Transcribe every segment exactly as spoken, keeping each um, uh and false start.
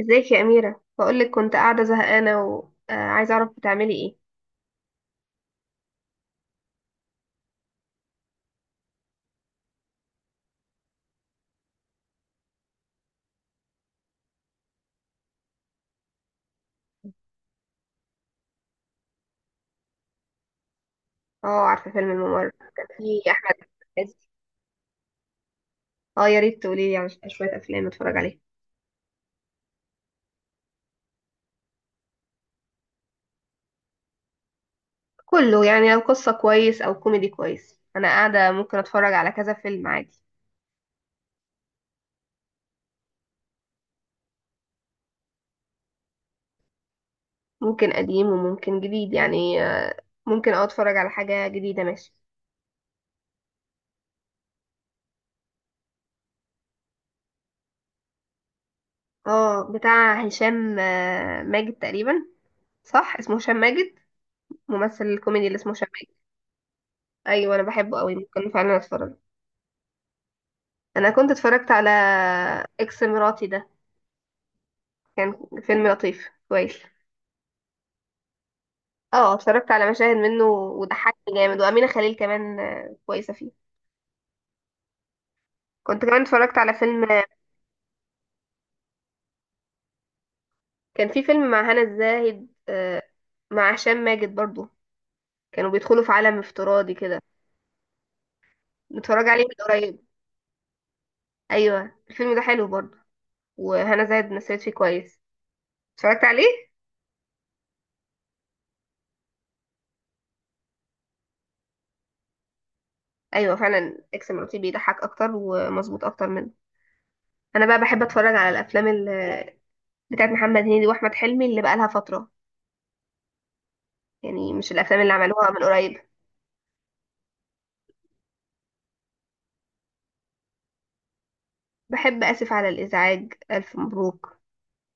ازيك يا أميرة؟ بقولك كنت قاعدة زهقانة وعايزة أعرف بتعملي ايه. اه، عارفة فيلم الممر؟ كان في أحمد عز. اه، يا ريت تقوليلي على ش- شوية أفلام أتفرج عليها. كله يعني، لو قصة كويس أو كوميدي كويس أنا قاعدة ممكن أتفرج على كذا فيلم عادي. ممكن قديم وممكن جديد يعني. آه، ممكن اه أتفرج على حاجة جديدة، ماشي. اه، بتاع هشام آه، ماجد تقريبا. صح، اسمه هشام ماجد. ممثل الكوميدي اللي اسمه هشام ماجد. أيوة، أنا بحبه أوي، ممكن فعلا أتفرج. انا كنت اتفرجت على اكس مراتي ده. كان فيلم لطيف كويس. اه، اتفرجت على مشاهد منه وضحكني جامد، وامينه خليل كمان آه، كويسه فيه. كنت كمان اتفرجت على فيلم، كان في فيلم مع هنا الزاهد آه، مع هشام ماجد برضو. كانوا بيدخلوا في عالم افتراضي كده. متفرج عليه من قريب. ايوه، الفيلم ده حلو برضو، وهنا زاهد مثلت فيه كويس. اتفرجت عليه. ايوه فعلا، اكس مراتي بيضحك اكتر ومظبوط اكتر منه. انا بقى بحب اتفرج على الافلام ال- بتاعت محمد هنيدي واحمد حلمي اللي بقالها فتره، يعني مش الافلام اللي عملوها من قريب. بحب اسف على الازعاج، الف مبروك،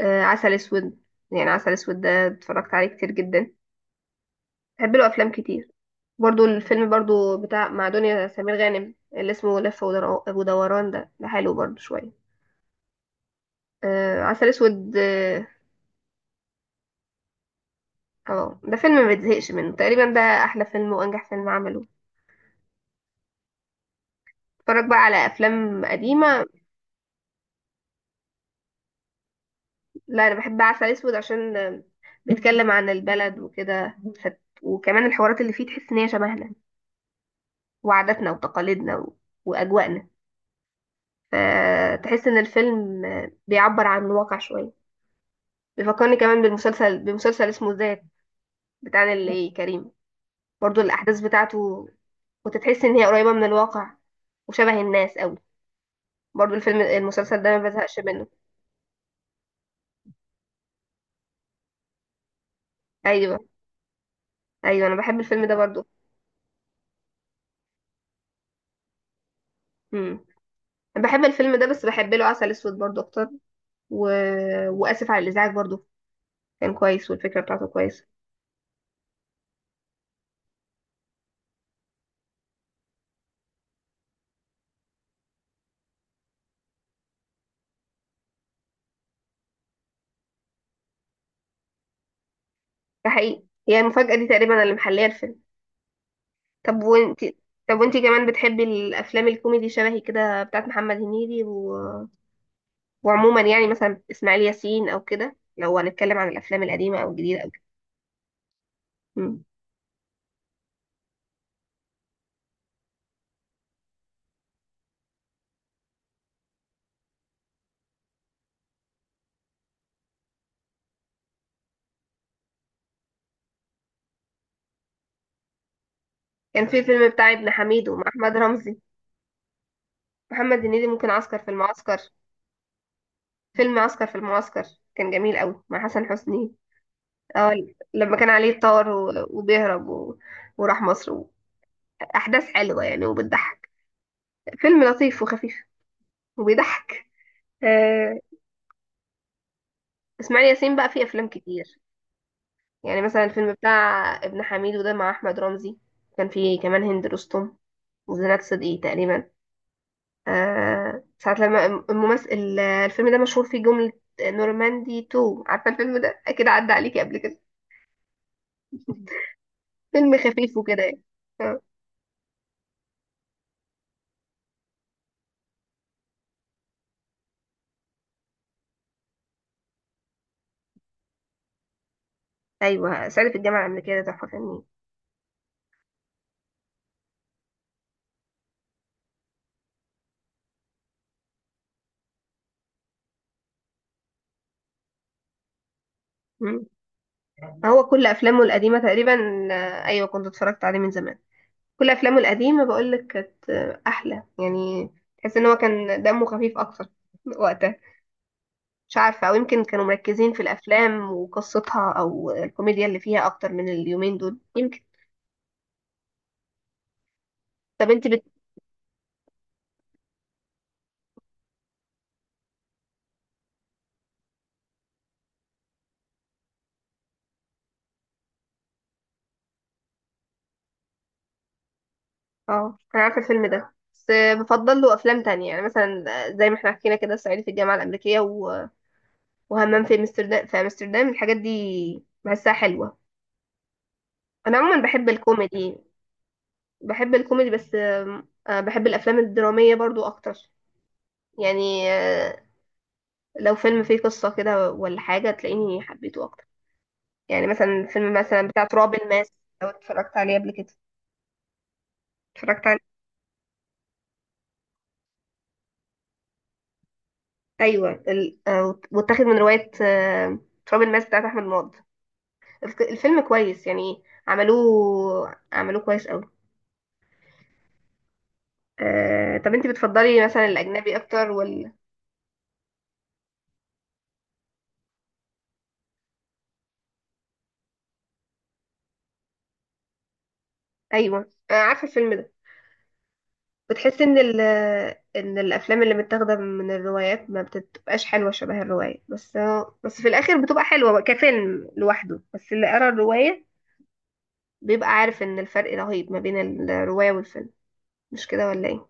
آه، عسل اسود. يعني عسل اسود ده اتفرجت عليه كتير جدا. بحب له افلام كتير. برضو الفيلم برضو بتاع مع دنيا سمير غانم اللي اسمه لف ودر- ودوران ده ده حلو برضو شويه. آه عسل اسود اه. آه، ده فيلم ما بتزهقش منه تقريبا، ده احلى فيلم وانجح فيلم عمله. اتفرج بقى على افلام قديمه. لا، انا بحب عسل اسود عشان بيتكلم عن البلد وكده. فت- وكمان الحوارات اللي فيه تحس ان هي شبهنا وعاداتنا وتقاليدنا و واجواءنا، فتحس ان الفيلم بيعبر عن الواقع شويه. بيفكرني كمان بالمسلسل، بمسلسل اسمه ذات، بتاع اللي كريم. برضو الاحداث بتاعته وتتحس ان هي قريبه من الواقع وشبه الناس قوي. برضو الفيلم المسلسل ده ما بزهقش منه. ايوه، ايوه انا بحب الفيلم ده برضو. امم بحب الفيلم ده بس بحب له عسل اسود برضو اكتر و واسف على الازعاج برضو كان كويس، والفكره بتاعته كويسه. ده حقيقي، هي المفاجاه دي تقريبا اللي محليه الفيلم. طب وانتي طب وانتي كمان بتحبي الافلام الكوميدي شبهي كده، بتاعت محمد هنيدي و وعموما يعني، مثلا اسماعيل ياسين او كده، لو هنتكلم عن الافلام القديمه او الجديده او كده. مم. كان في فيلم بتاع ابن حميد ومع احمد رمزي. محمد هنيدي ممكن عسكر في المعسكر. فيلم عسكر في المعسكر كان جميل قوي مع حسن حسني. اه، لما كان عليه طار و وبيهرب و وراح مصر. احداث حلوه يعني، وبتضحك. فيلم لطيف وخفيف وبيضحك. آه، اسماعيل ياسين بقى فيه افلام كتير. يعني مثلا الفيلم بتاع ابن حميدو ده مع احمد رمزي، كان فيه كمان هند رستم وزينات صدقي تقريبا. آه، ساعة لما الممثل، الفيلم ده مشهور فيه جملة نورماندي اتنين. عارفة الفيلم ده اكيد عدى عليكي قبل كده. فيلم خفيف وكده يعني. آه، ايوه صعيدي في الجامعة الأمريكية ده تحفة فنية. مم. هو كل افلامه القديمة تقريبا. آه، ايوه كنت اتفرجت عليه من زمان. كل افلامه القديمه بقول لك كانت احلى يعني. تحس ان هو كان دمه خفيف اكتر وقتها. مش عارفه، او يمكن كانوا مركزين في الافلام وقصتها او الكوميديا اللي فيها اكتر من اليومين دول يمكن. طب انت بت... اه، انا عارفه الفيلم ده بس بفضل له افلام تانية، يعني مثلا زي ما احنا حكينا كده صعيدي في الجامعه الامريكيه و وهمام في امستردام. في امستردام الحاجات دي بحسها حلوه. انا عموما بحب الكوميدي بحب الكوميدي بس آه، بحب الافلام الدراميه برضو اكتر. يعني آه، لو فيلم فيه قصة كده ولا حاجة تلاقيني حبيته أكتر. يعني مثلا فيلم مثلا بتاع تراب الماس، لو اتفرجت عليه قبل كده. اتفرجت عليه. أيوة ال... آه، واتاخد من رواية آه، تراب الماس بتاعت أحمد مراد. الف- الفيلم كويس يعني، عملوه عملوه كويس أوي. أه... طب انت بتفضلي مثلا الأجنبي أكتر ولا؟ أيوة، أنا عارفة الفيلم ده. بتحس ان ال ان الافلام اللي متاخده من الروايات ما بتبقاش حلوه شبه الروايه، بس بس في الاخر بتبقى حلوه كفيلم لوحده، بس اللي قرا الروايه بيبقى عارف ان الفرق رهيب ما بين الروايه والفيلم. مش كده ولا ايه؟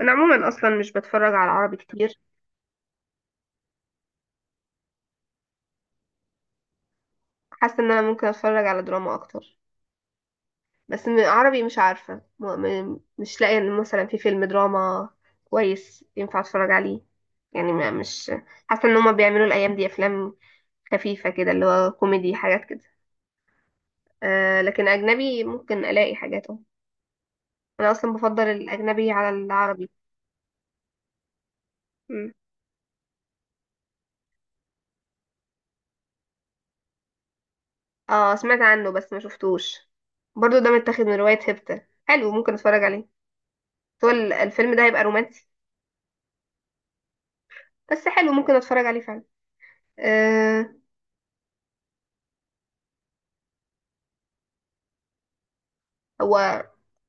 انا عموما اصلا مش بتفرج على عربي كتير. حاسه ان انا ممكن اتفرج على دراما اكتر، بس م- عربي مش عارفة م- م- مش لاقية إن مثلا في فيلم دراما كويس ينفع اتفرج عليه. يعني ما مش حاسة ان هما بيعملوا الايام دي افلام خفيفة كده، اللي هو كوميدي حاجات كده. آه، لكن اجنبي ممكن الاقي حاجات اهو. انا اصلا بفضل الاجنبي على العربي. مم. اه سمعت عنه بس ما شفتوش. برضو ده متاخد من رواية هبتة، حلو، ممكن اتفرج عليه. هو ال- الفيلم ده هيبقى رومانسي؟ بس حلو ممكن اتفرج عليه فعلا. آه. هو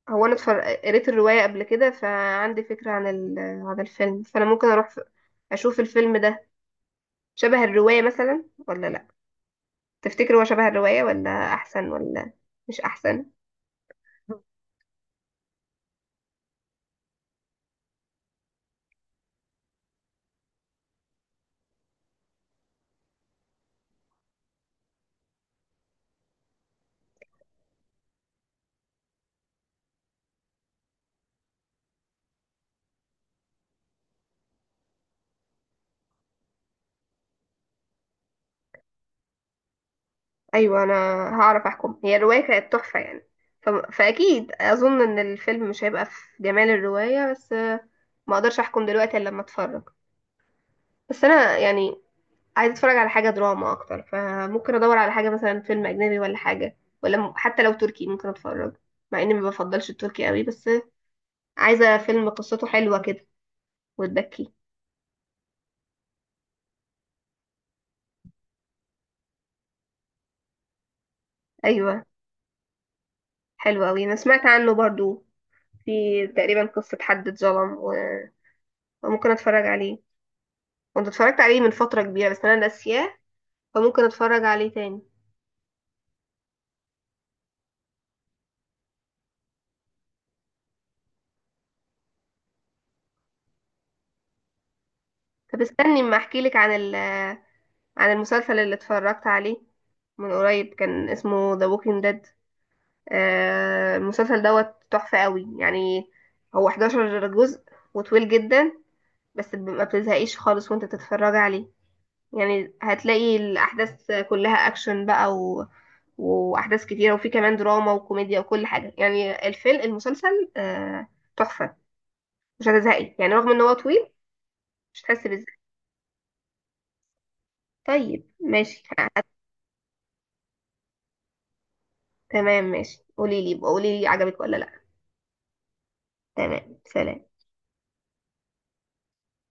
هو انا اتفرج... قريت الرواية قبل كده، فعندي فكرة عن ال... عن الفيلم، فانا ممكن اروح ف... اشوف الفيلم ده شبه الرواية مثلا ولا لا. تفتكر هو شبه الرواية ولا احسن، ولا مش احسن؟ ايوه، انا هعرف احكم. هي الرواية كانت تحفة يعني، ف... فاكيد اظن ان الفيلم مش هيبقى في جمال الرواية، بس آه، ما اقدرش احكم دلوقتي الا لما اتفرج. بس انا يعني عايزه اتفرج على حاجه دراما اكتر، فممكن ادور على حاجه مثلا فيلم اجنبي ولا حاجه، ولا م- حتى لو تركي ممكن اتفرج، مع اني ما بفضلش التركي قوي. بس عايزه فيلم قصته حلوه كده وتبكي. ايوه حلو قوي، انا سمعت عنه برضو. في تقريبا قصه حد اتظلم و- وممكن اتفرج عليه. كنت اتفرجت عليه من فتره كبيره بس انا ناسياه، فممكن اتفرج عليه تاني. طب استني اما احكي لك عن ال عن المسلسل اللي اتفرجت عليه من قريب، كان اسمه The Walking Dead. آه، المسلسل دوت تحفة قوي يعني. هو حداشر جزء وطويل جدا، بس ب- ما بتزهقيش خالص وانت تتفرج عليه. يعني هتلاقي الأحداث كلها أكشن بقى و وأحداث كتيرة، وفي كمان دراما وكوميديا وكل حاجة. يعني الفيلم المسلسل آه، تحفة، مش هتزهقي يعني رغم ان هو طويل. مش هتحسي بالزهق. طيب ماشي. تمام ماشي، قوليلي قوليلي عجبك ولا لأ. تمام، سلام.